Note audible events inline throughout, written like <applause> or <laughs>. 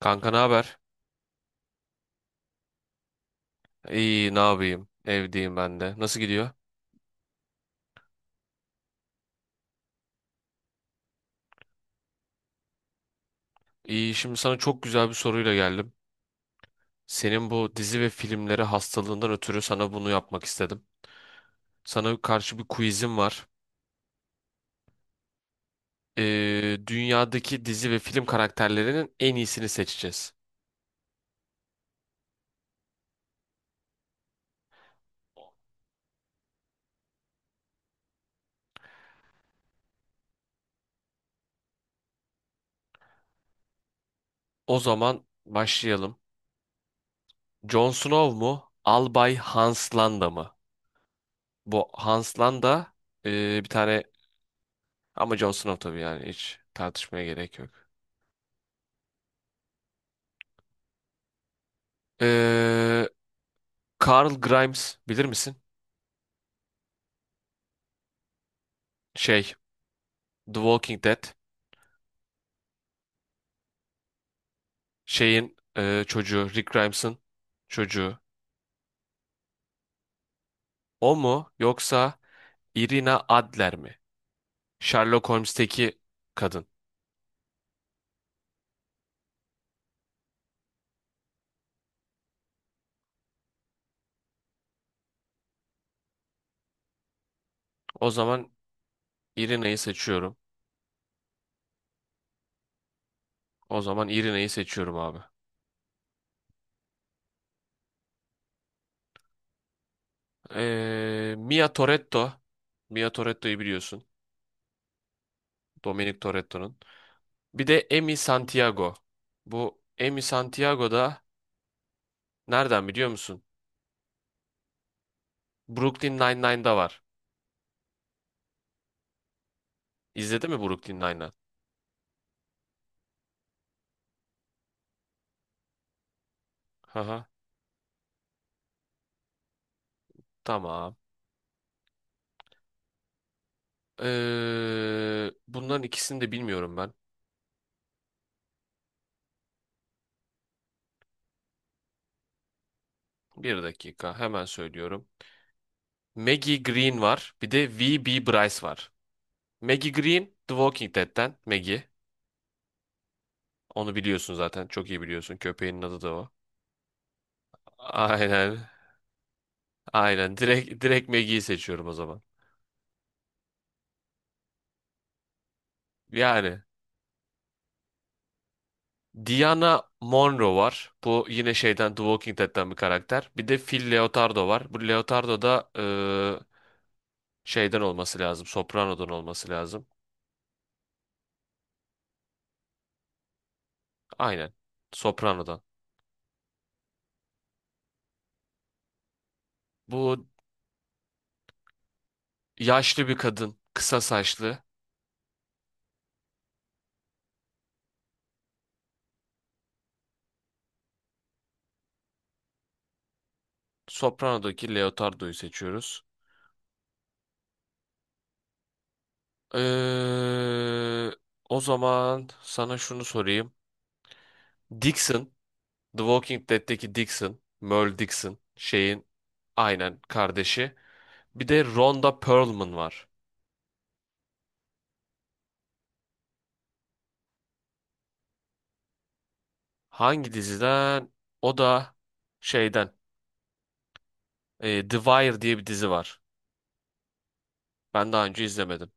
Kanka ne haber? İyi ne yapayım? Evdeyim ben de. Nasıl gidiyor? İyi, şimdi sana çok güzel bir soruyla geldim. Senin bu dizi ve filmleri hastalığından ötürü sana bunu yapmak istedim. Sana karşı bir quizim var. Dünyadaki dizi ve film karakterlerinin en iyisini seçeceğiz. O zaman başlayalım. Jon Snow mu? Albay Hans Landa mı? Bu Hans Landa bir tane ama Jon Snow tabii, yani hiç tartışmaya gerek yok. Ee, Carl Grimes bilir misin? Şey, The Walking Dead şeyin çocuğu, Rick Grimes'ın çocuğu. O mu yoksa Irina Adler mi? Sherlock Holmes'teki kadın. O zaman Irina'yı seçiyorum. O zaman Irina'yı seçiyorum abi. Mia Toretto. Mia Toretto'yu biliyorsun. Dominic Toretto'nun. Bir de Amy Santiago. Bu Amy Santiago da nereden biliyor musun? Brooklyn Nine-Nine'da var. İzledin mi Brooklyn Nine-Nine? Haha. Tamam. Bunların ikisini de bilmiyorum ben. Bir dakika hemen söylüyorum. Maggie Green var. Bir de V. B. Bryce var. Maggie Green The Walking Dead'ten Maggie. Onu biliyorsun zaten. Çok iyi biliyorsun. Köpeğinin adı da o. Aynen. Aynen. Direkt Maggie'yi seçiyorum o zaman. Yani Diana Monroe var. Bu yine şeyden The Walking Dead'ten bir karakter. Bir de Phil Leotardo var. Bu Leotardo da şeyden olması lazım. Soprano'dan olması lazım. Aynen. Soprano'dan. Bu yaşlı bir kadın, kısa saçlı. Soprano'daki Leotardo'yu seçiyoruz. Ee, O zaman sana şunu sorayım. Dixon, The Walking Dead'teki Dixon, Merle Dixon, şeyin aynen kardeşi. Bir de Rhonda Perlman var. Hangi diziden? O da şeyden, The Wire diye bir dizi var. Ben daha önce izlemedim.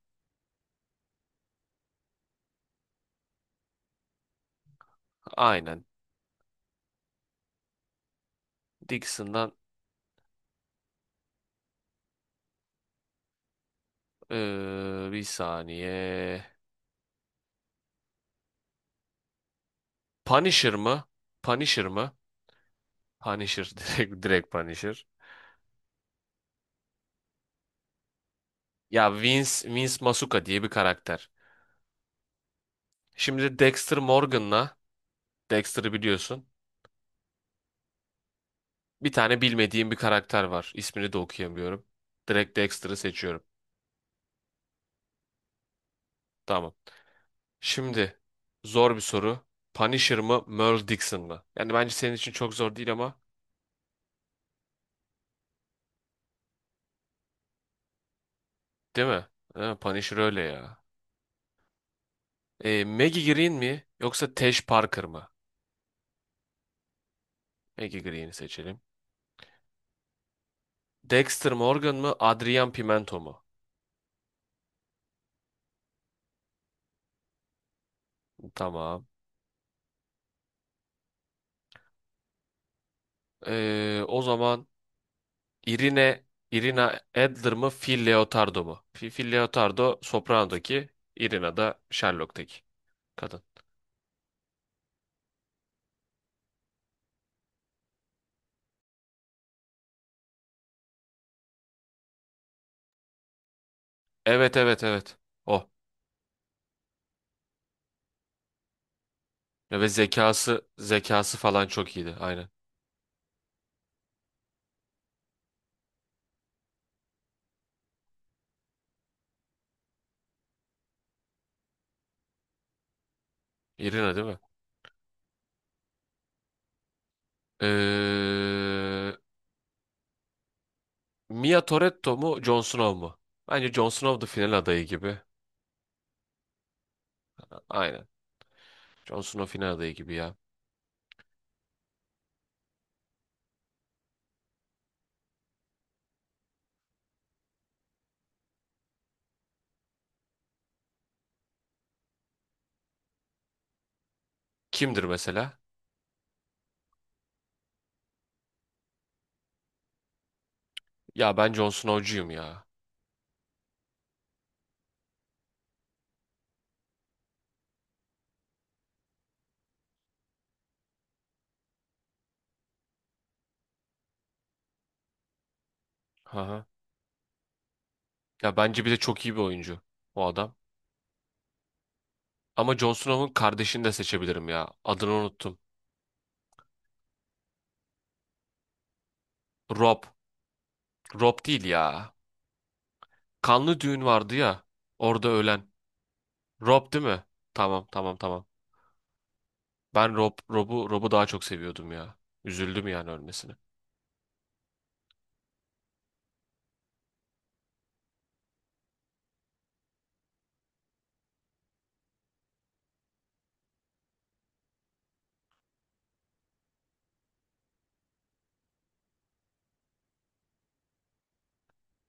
Aynen. Dixon'dan bir saniye. Punisher mı? Punisher mı? Punisher <laughs> direkt Punisher. Ya Vince Masuka diye bir karakter. Şimdi Dexter Morgan'la Dexter'ı biliyorsun. Bir tane bilmediğim bir karakter var. İsmini de okuyamıyorum. Direkt Dexter'ı seçiyorum. Tamam. Şimdi zor bir soru. Punisher mı, Merle Dixon mı? Yani bence senin için çok zor değil ama, değil mi? Ha, Punisher öyle ya. E, Maggie Green mi yoksa Tesh Parker mı? Maggie Green'i seçelim. Dexter Morgan mı, Adrian Pimento mu? Tamam. O zaman Irine Irina Adler mı Phil Leotardo mu? Phil Leotardo Soprano'daki, Irina da Sherlock'taki kadın. Evet evet evet. O. Ve zekası falan çok iyiydi. Aynen. Irina değil mi? Ee, Mia Toretto mu Jon Snow mu? Bence Jon Snow da final adayı gibi. Aynen. Jon Snow final adayı gibi ya. Kimdir mesela? Ya ben Jon Snow'cuyum ya. Hı hı. Ya bence bir de çok iyi bir oyuncu o adam. Ama Jon Snow'un kardeşini de seçebilirim ya. Adını unuttum. Rob. Rob değil ya. Kanlı düğün vardı ya. Orada ölen. Rob değil mi? Tamam tamam tamam. Ben Rob'u daha çok seviyordum ya. Üzüldüm yani ölmesine.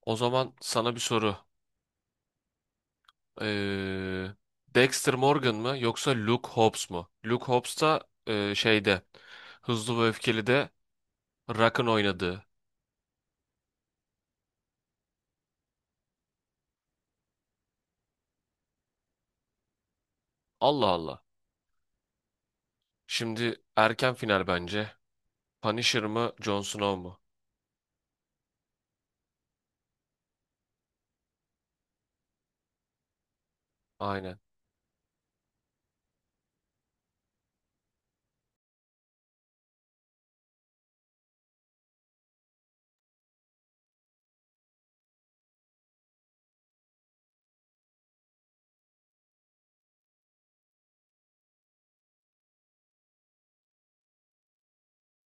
O zaman sana bir soru. Ee, Dexter Morgan mı yoksa Luke Hobbs mu? Luke Hobbs da şeyde Hızlı ve Öfkeli'de Rock'ın oynadığı. Allah Allah. Şimdi erken final bence. Punisher mı, Jon Snow mu? Aynen.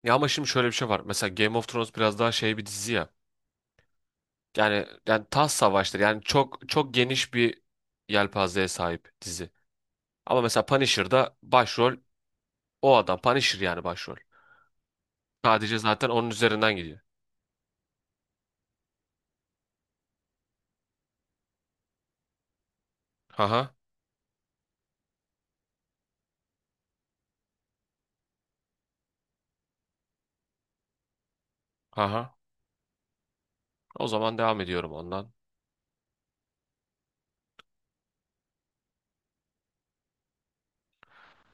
Ya ama şimdi şöyle bir şey var. Mesela Game of Thrones biraz daha şey bir dizi ya. Yani taht savaşları. Yani çok geniş bir yelpazeye sahip dizi. Ama mesela Punisher'da başrol o adam. Punisher yani başrol. Sadece zaten onun üzerinden gidiyor. Haha. Haha. O zaman devam ediyorum ondan.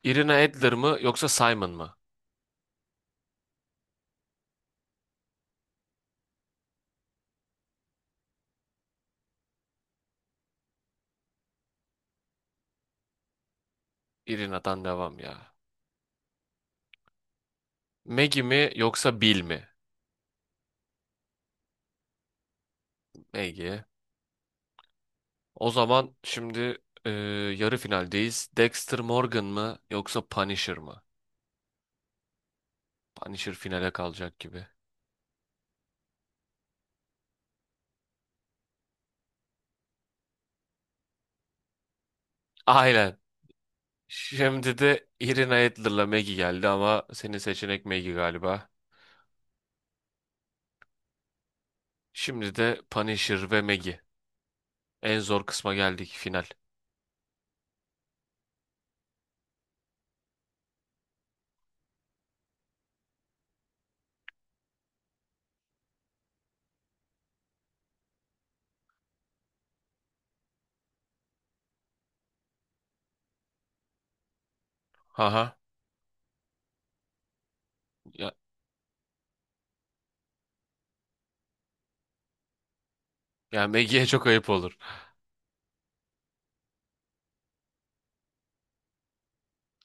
Irina Adler mı yoksa Simon mı? Irina'dan devam ya. Maggie mi yoksa Bill mi? Maggie. O zaman şimdi e, yarı finaldeyiz. Dexter Morgan mı yoksa Punisher mı? Punisher finale kalacak gibi. Aynen. Şimdi de Irina Adler'la Maggie geldi ama senin seçenek Maggie galiba. Şimdi de Punisher ve Maggie. En zor kısma geldik final. Haha. Ya, ya Maggie'ye çok ayıp olur.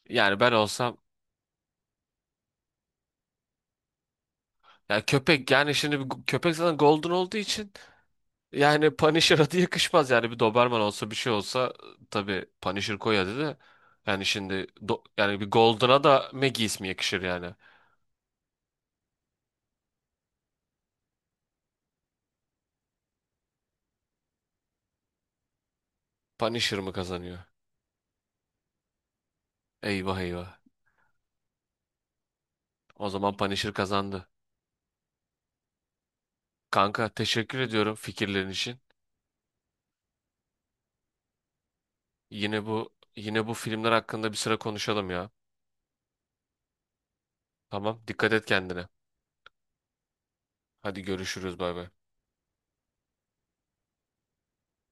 Yani ben olsam ya köpek, yani şimdi bu köpek zaten golden olduğu için yani Punisher adı yakışmaz, yani bir Doberman olsa bir şey olsa tabii Punisher koy adı da, yani şimdi yani bir Golden'a da Maggie ismi yakışır yani. Punisher mı kazanıyor? Eyvah eyvah. O zaman Punisher kazandı. Kanka teşekkür ediyorum fikirlerin için. Yine bu filmler hakkında bir sıra konuşalım ya. Tamam dikkat et kendine. Hadi görüşürüz bay bay.